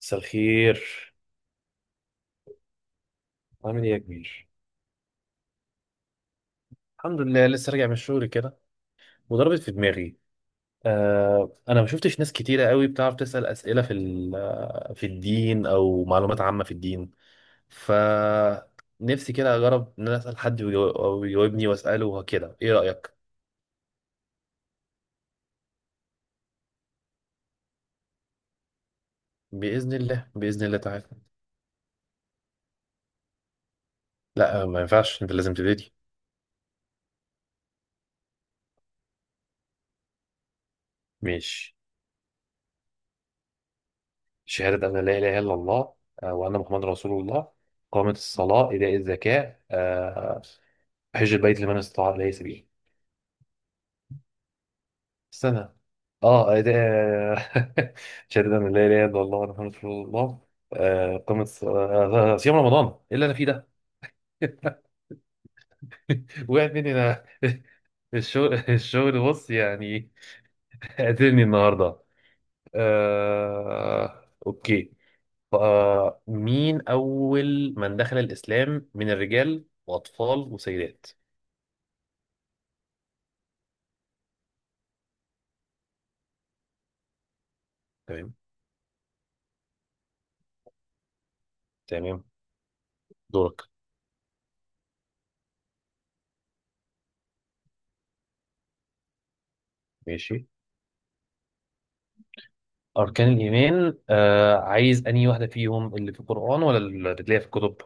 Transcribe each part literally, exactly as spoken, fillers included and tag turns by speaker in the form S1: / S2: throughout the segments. S1: مساء الخير. عامل ايه يا كبير؟ الحمد لله، لسه راجع من الشغل كده وضربت في دماغي. آه انا ما شفتش ناس كتيره قوي بتعرف تسأل اسئله في ال- آه، في الدين او معلومات عامه في الدين. ف نفسي كده اجرب ان انا اسال حد ويجاو- او يجاوبني واساله وكده، ايه رايك؟ باذن الله، باذن الله تعالى. لا آه، ما ينفعش، انت لازم تبتدي. ماشي، شهاده ان لا اله الا الله آه، وان محمد رسول الله، قامت الصلاه، ايتاء الزكاه، آه، حج البيت لمن استطاع إليه سبيلا. استنى، اه ده شهادة أن لا إله إلا الله وأن محمد رسول الله، آه، قامت ص- آه، آه، آه، صيام رمضان. إيه اللي أنا فيه ده؟ وقعت مني أنا. الشغل الشغل بص، يعني قاتلني النهاردة. آه... أوكي. آه... مين أول من دخل الإسلام من الرجال وأطفال وسيدات؟ تمام، تمام. دورك. ماشي، أركان الإيمان، آه، عايز أنهي واحدة فيهم، اللي في القرآن ولا اللي تلاقيها في الكتب؟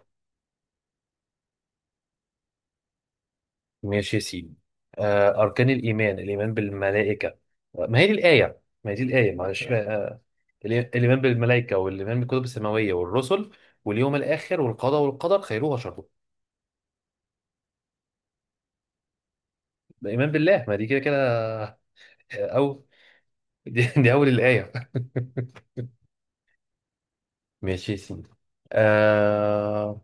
S1: ماشي يا سيدي. آه، أركان الإيمان: الإيمان بالملائكة. ما هي دي الآية ما هي دي الآية، معلش آه. الإي- الإيمان بالملائكة والإيمان بالكتب السماوية والرسل واليوم الآخر والقضاء والقدر خيره وشره. الإيمان بالله، ما دي كده كده. آه، أو دي, دي أول الآية. ماشي يا سيدي. آه...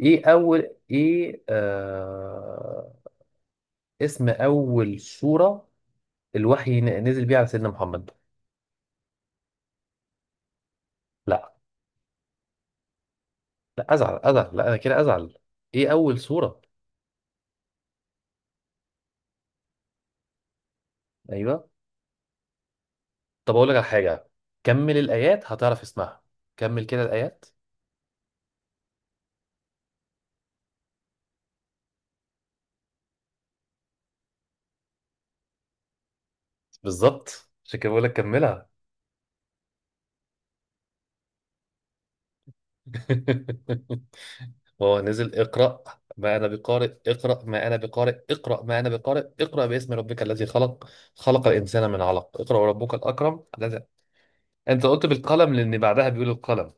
S1: إيه أول إيه آه... اسم أول سورة الوحي ن- نزل بيه على سيدنا محمد؟ لا، لا ازعل، ازعل، لا انا كده ازعل. ايه اول سورة؟ ايوه. طب اقول لك على حاجة، كمل الايات هتعرف اسمها، كمل كده الايات. بالظبط، عشان كده بقول لك كملها. هو نزل اقرأ. ما انا بقارئ، اقرأ ما انا بقارئ، اقرأ ما انا بقارئ، اقرأ باسم ربك الذي خلق، خلق الانسان من علق، اقرأ وربك الاكرم الذي. انت قلت بالقلم لان بعدها بيقول القلم.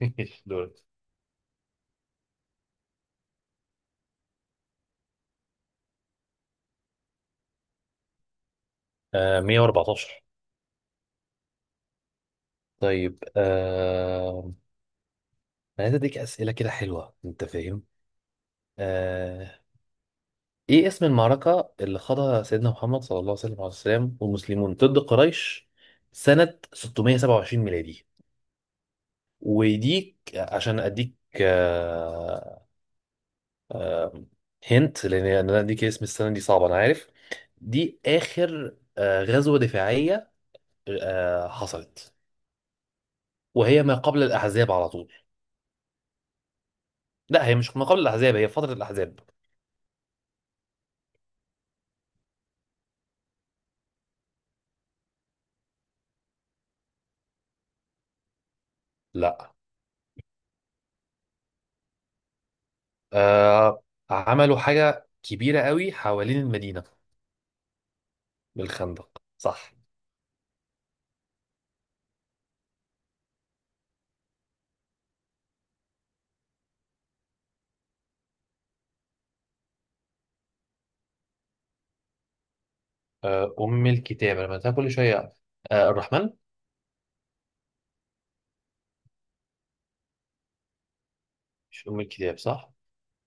S1: دول. آه، مية واربعتاشر. طيب آه، انا عايز اديك اسئله كده حلوه، انت فاهم. آه... ايه اسم المعركه اللي خاضها سيدنا محمد صلى الله عليه وسلم والمسلمون ضد قريش سنه ستمائة وسبعة وعشرين ميلادي؟ ويديك عشان اديك، آه... هنت لان انا اديك اسم السنه، دي صعبه، انا عارف. دي اخر آه غزوه دفاعيه آه حصلت، وهي ما قبل الاحزاب على طول. لا، هي مش ما قبل الاحزاب، هي فتره الاحزاب. لا، آه... عملوا حاجه كبيرة قوي حوالين المدينة. بالخندق، صح. آه، أم الكتاب، أنا بنتها كل شوية. آه، الرحمن. مش أم الكتاب، صح.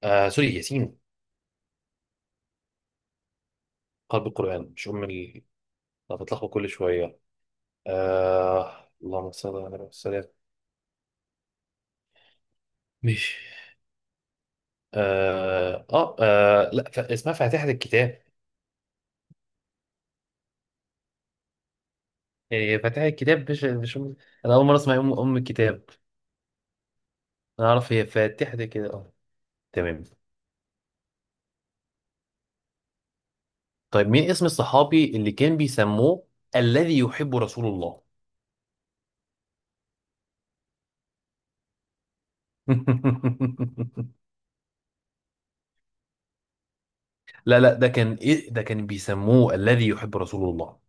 S1: آه، سوري، ياسين، قلب القرآن. مش أم ال أنا بتلخبط كل شوية. آه، اللهم صل على النبي والسلام. مش آه آه, آه لا ف... اسمها فاتحة الكتاب. يعني هي فاتحة الكتاب، مش مش أم... أنا أول مرة أسمع أم أم الكتاب. أنا أعرف هي فاتحة كده، أه. تمام. طيب، مين اسم الصحابي اللي كان بيسموه الذي يحب رسول الله؟ لا لا، ده كان ايه، ده كان بيسموه الذي يحب رسول الله.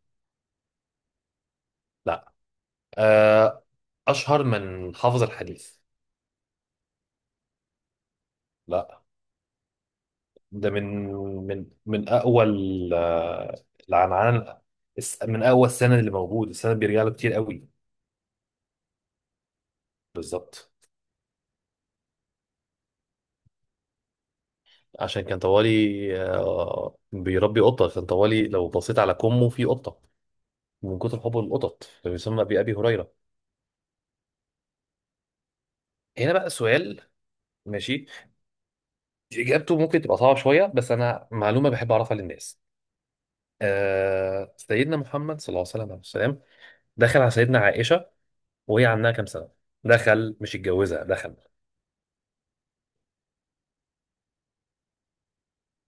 S1: لا. آه، اشهر من حافظ الحديث. لا، ده من، من من اقوى ال- آه، العنعان، الس- من اقوى السند اللي موجود، السند بيرجع له كتير قوي. بالظبط. عشان كان طوالي آه، بيربي قطه، كان طوالي لو بصيت على كمه في قطه. من كتر حبه للقطط فبيسمى بأبي هريره. هنا بقى سؤال. ماشي، اجابته ممكن تبقى صعبه شويه، بس انا معلومه بحب اعرفها للناس. آه، سيدنا محمد صلى الله عليه وسلم عليه وسلم دخل على سيدنا عائشة وهي عندها كام سنة؟ دخل، مش اتجوزها، دخل.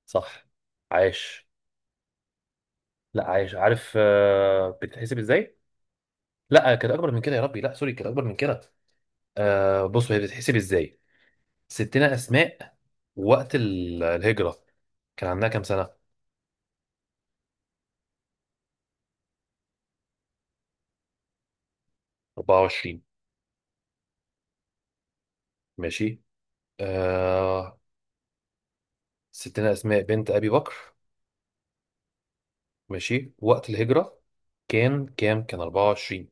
S1: صح. عايش. لا، عايش، عارف آه بتتحسب ازاي. لا، كانت اكبر من كده، يا ربي، لا سوري، كانت اكبر من كده. آه، بصوا هي بتتحسب ازاي. ستنا اسماء وقت ال- الهجرة كان عندها كام سنة؟ اربعه وعشرين. ماشي آه، ستنا اسماء بنت ابي بكر، ماشي، وقت الهجرة كان كام؟ كان اربعه وعشرين.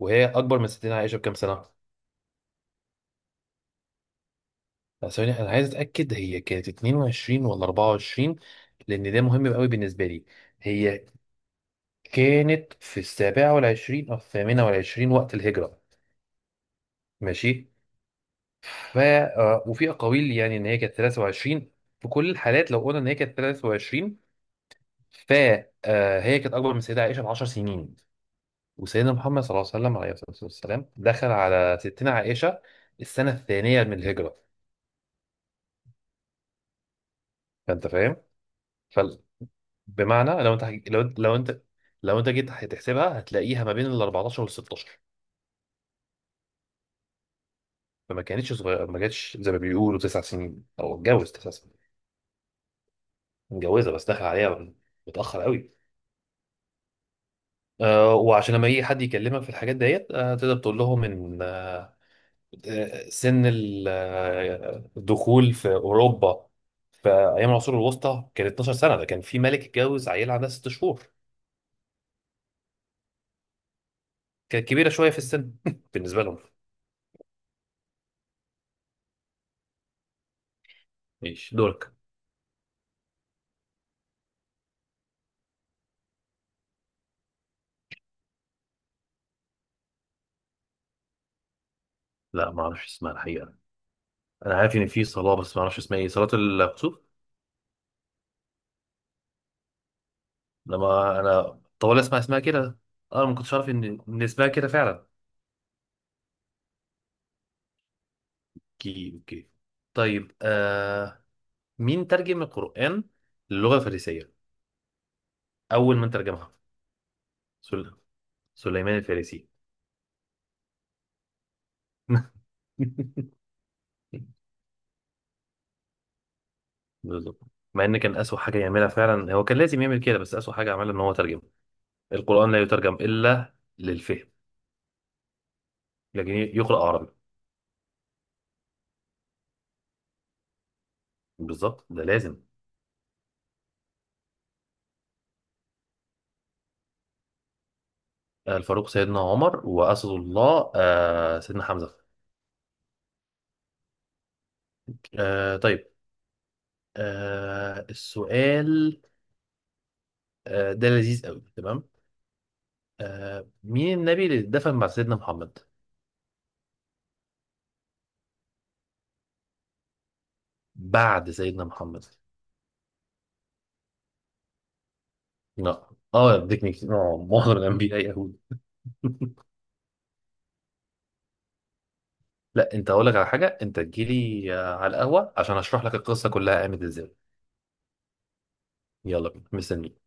S1: وهي اكبر من سيدنا عائشه بكام سنه؟ لا، ثواني، انا عايز اتاكد، هي كانت اتنين وعشرين ولا اربعة وعشرون؟ لان ده مهم قوي بالنسبه لي. هي كانت في السابعه والعشرين او الثامنه والعشرين وقت الهجره. ماشي. ف آه، وفي اقاويل يعني ان هي كانت ثلاثة وعشرين. في كل الحالات، لو قلنا ان هي كانت تلاته وعشرين، ف آه، هي كانت اكبر من سيدنا عائشه ب عشر سنين. وسيدنا محمد صلى الله عليه وسلم، عليه الصلاه والسلام، دخل على ستنا عائشه السنه الثانيه من الهجره. فانت فاهم، بمعنى لو انت هج- لو انت لو انت لو انت جيت هتحسبها هتلاقيها ما بين ال اربعتاشر وال ستاشر. فما كانتش صغيره، ما كانتش زي ما بيقولوا تسع سنين، او اتجوز تسع سنين. متجوزه بس داخل عليها متاخر قوي. آه، وعشان لما يجي حد يكلمك في الحاجات ديت، آه تقدر تقول لهم ان آه، آه، سن ال- آه، الدخول في اوروبا في ايام العصور الوسطى كان اثني عشر سنه. ده كان في ملك اتجوز عيله عندها ست شهور، كانت كبيره شويه في السن بالنسبه لهم. ماشي، دورك. لا، ما اعرفش اسمها الحقيقه، انا عارف ان في صلاه بس ما اعرفش اسمها، ايه، صلاه الكسوف؟ لما انا طوال اسمع اسمها كده، انا ما كنتش عارف ان ان اسمها كده فعلا. اوكي، اوكي. طيب آه، مين ترجم القران للغه الفارسيه؟ اول من ترجمها، سل... سليمان الفارسي. بالظبط. مع ان كان اسوء حاجه يعملها، فعلا هو كان لازم يعمل كده، بس اسوء حاجه عملها ان هو ترجم. القران لا يترجم الا للفهم، لكن يقرا عربي. بالظبط، ده لازم. الفاروق سيدنا عمر، وأسد الله آه، سيدنا حمزة. آه، طيب. آه، السؤال آه، ده لذيذ قوي، تمام. آه، مين النبي اللي اتدفن بعد سيدنا محمد؟ بعد سيدنا محمد. لا، اه اديكني كتير، آه، معظم الانبياء يهود. لا، انت اقول لك على حاجه، انت تجيلي آه، على القهوه عشان اشرح لك القصه كلها قامت ازاي. يلا بينا، مستنيك.